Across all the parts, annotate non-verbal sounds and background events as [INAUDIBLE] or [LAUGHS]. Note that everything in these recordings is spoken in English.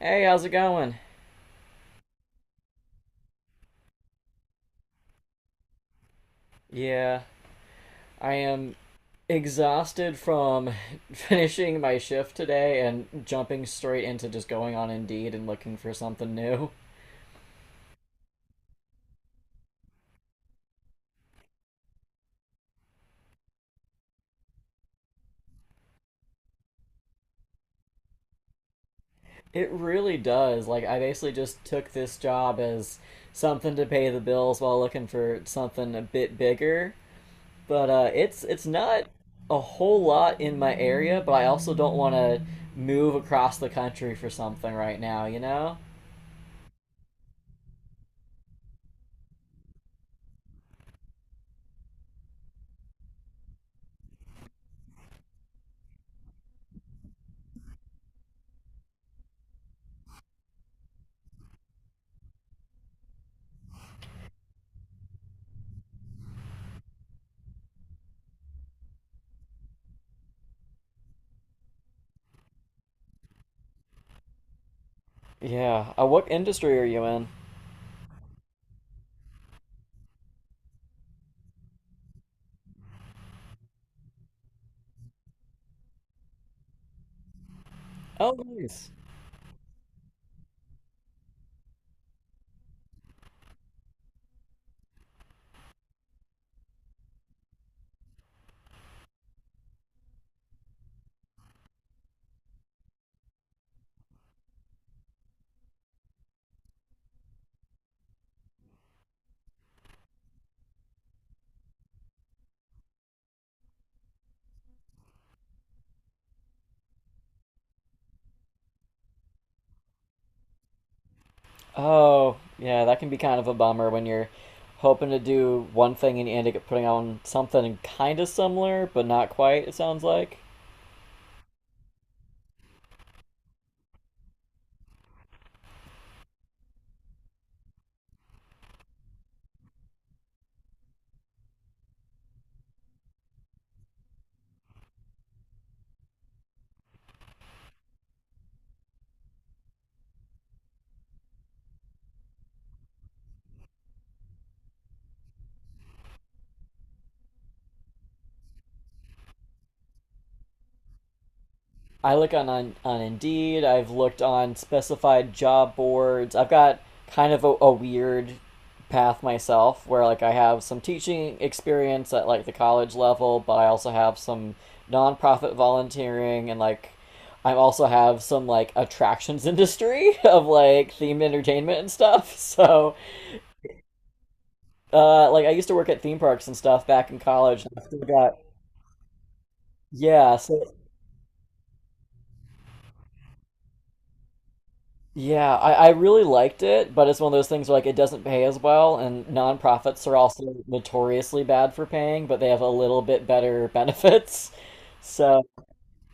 Hey, how's it going? Yeah, I am exhausted from [LAUGHS] finishing my shift today and jumping straight into just going on Indeed and looking for something new. It really does. Like, I basically just took this job as something to pay the bills while looking for something a bit bigger. But it's not a whole lot in my area, but I also don't want to move across the country for something right now, you know? Yeah. What industry are you in? Oh, nice. Oh, yeah, that can be kind of a bummer when you're hoping to do one thing and you end up putting on something kind of similar, but not quite, it sounds like. I look on, on Indeed. I've looked on specified job boards. I've got kind of a weird path myself, where like I have some teaching experience at like the college level, but I also have some nonprofit volunteering, and like I also have some like attractions industry [LAUGHS] of like themed entertainment and stuff. [LAUGHS] So like I used to work at theme parks and stuff back in college, and I still got yeah, so yeah, I really liked it, but it's one of those things where like it doesn't pay as well, and nonprofits are also notoriously bad for paying, but they have a little bit better [LAUGHS] benefits. So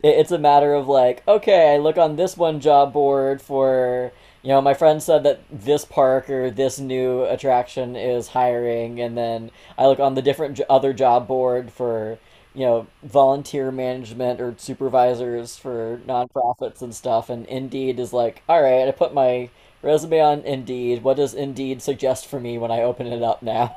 it's a matter of like, okay, I look on this one job board for, you know, my friend said that this park or this new attraction is hiring, and then I look on the different other job board for, you know, volunteer management or supervisors for nonprofits and stuff, and Indeed is like, all right, I put my resume on Indeed. What does Indeed suggest for me when I open it up now?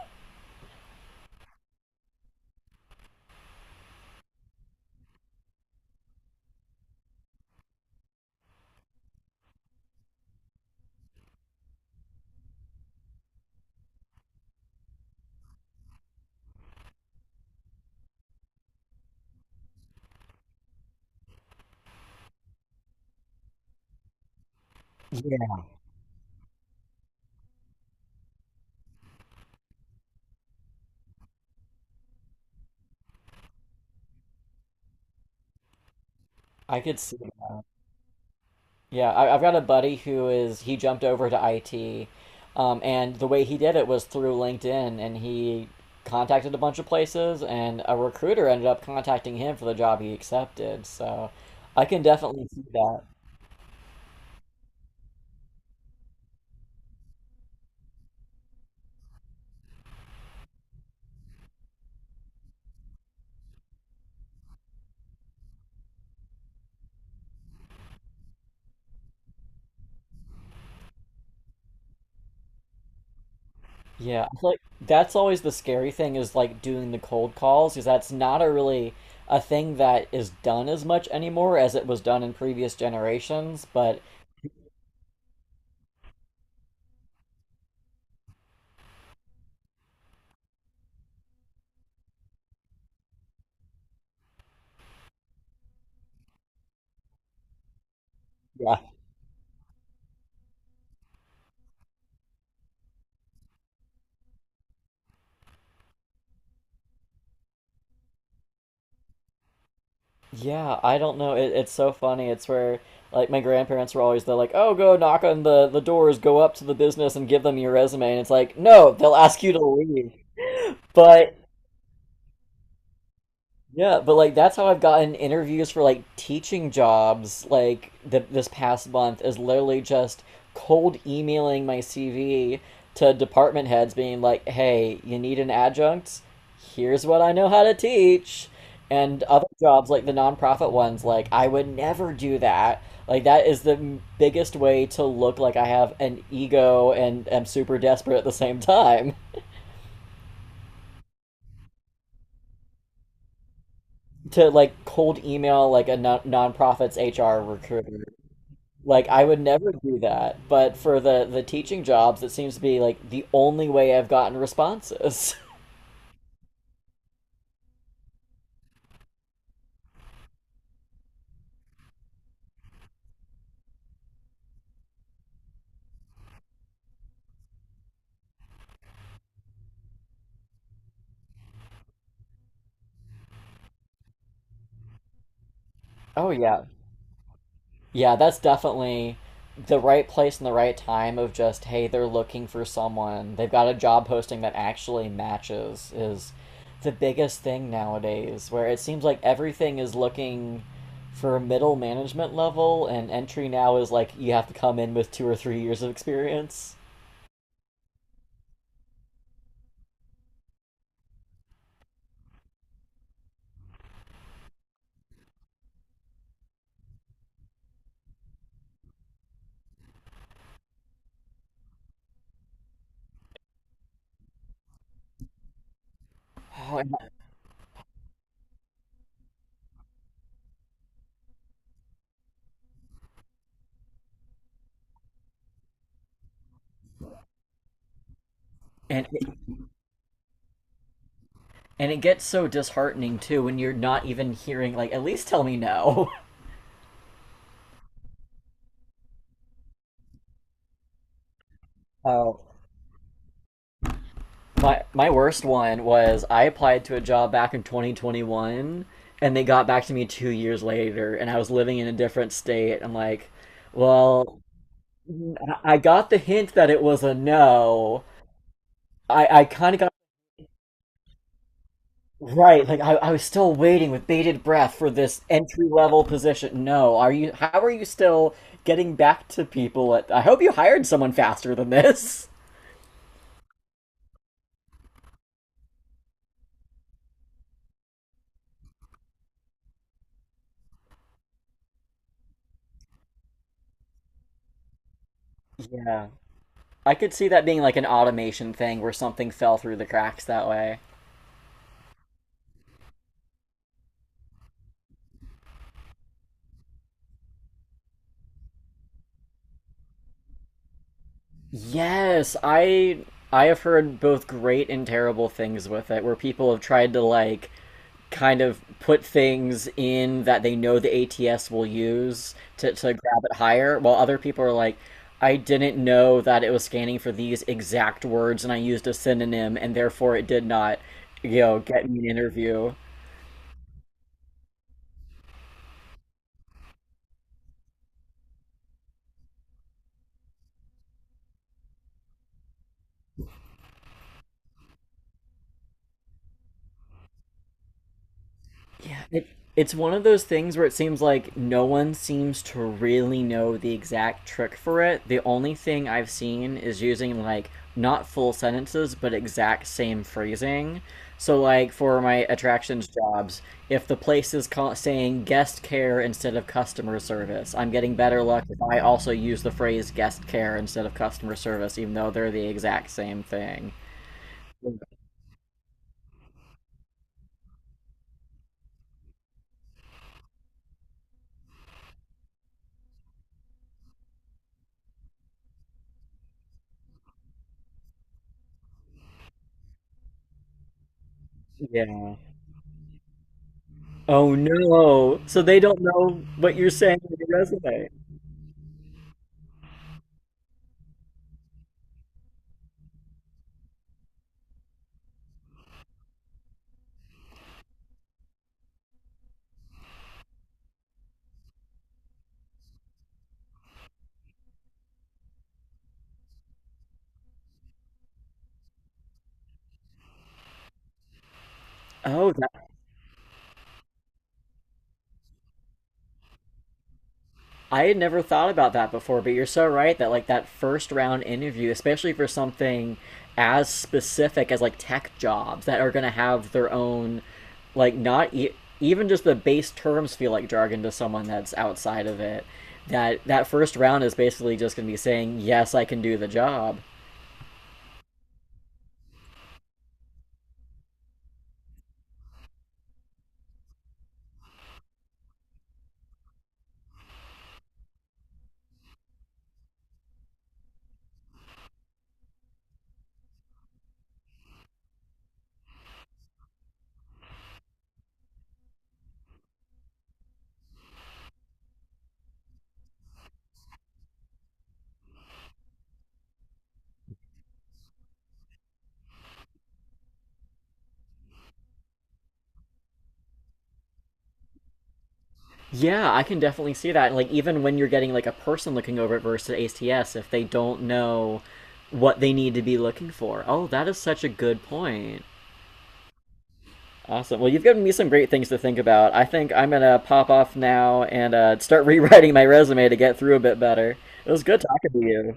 Yeah. [LAUGHS] I could see yeah, I've got a buddy who is he jumped over to IT, and the way he did it was through LinkedIn, and he contacted a bunch of places, and a recruiter ended up contacting him for the job he accepted. So I can definitely see that. Yeah, I feel like that's always the scary thing is like doing the cold calls, because that's not a really a thing that is done as much anymore as it was done in previous generations. But yeah, yeah, I don't know. It's so funny. It's where like my grandparents were always they're like, "Oh, go knock on the doors, go up to the business and give them your resume." And it's like, "No, they'll ask you to leave." But yeah, but like that's how I've gotten interviews for like teaching jobs like th this past month, is literally just cold emailing my CV to department heads being like, "Hey, you need an adjunct? Here's what I know how to teach." And other jobs like the nonprofit ones, like, "I would never do that." Like that is the biggest way to look like I have an ego and am super desperate at the same time. [LAUGHS] To like cold email like a non nonprofit's HR recruiter. Like I would never do that, but for the teaching jobs, it seems to be like the only way I've gotten responses. [LAUGHS] Oh yeah. Yeah, that's definitely the right place and the right time of just, hey, they're looking for someone. They've got a job posting that actually matches is the biggest thing nowadays, where it seems like everything is looking for middle management level, and entry now is like you have to come in with 2 or 3 years of experience. Oh, and, and and it gets so disheartening too when you're not even hearing like at least tell me no. [LAUGHS] Oh, my worst one was I applied to a job back in 2021, and they got back to me 2 years later and I was living in a different state. I'm like, well, I got the hint that it was a no. I kind of got right, like I was still waiting with bated breath for this entry level position. No, are you how are you still getting back to people at I hope you hired someone faster than this. [LAUGHS] Yeah. I could see that being like an automation thing where something fell through the cracks that way. Yes, I have heard both great and terrible things with it, where people have tried to like kind of put things in that they know the ATS will use to grab it higher, while other people are like, I didn't know that it was scanning for these exact words and I used a synonym and therefore it did not, you know, get me an interview. It, it's one of those things where it seems like no one seems to really know the exact trick for it. The only thing I've seen is using like not full sentences but exact same phrasing. So like for my attractions jobs, if the place is saying guest care instead of customer service, I'm getting better luck if I also use the phrase guest care instead of customer service even though they're the exact same thing. Yeah. Oh no. So they don't know what you're saying in your resume. Oh, that, I had never thought about that before, but you're so right that like that first round interview, especially for something as specific as like tech jobs that are going to have their own like not e- even just the base terms feel like jargon to someone that's outside of it. That that first round is basically just going to be saying, "Yes, I can do the job." Yeah, I can definitely see that. And like even when you're getting like a person looking over it versus ATS, if they don't know what they need to be looking for. Oh, that is such a good point. Awesome. Well, you've given me some great things to think about. I think I'm gonna pop off now and start [LAUGHS] rewriting my resume to get through a bit better. It was good talking to you.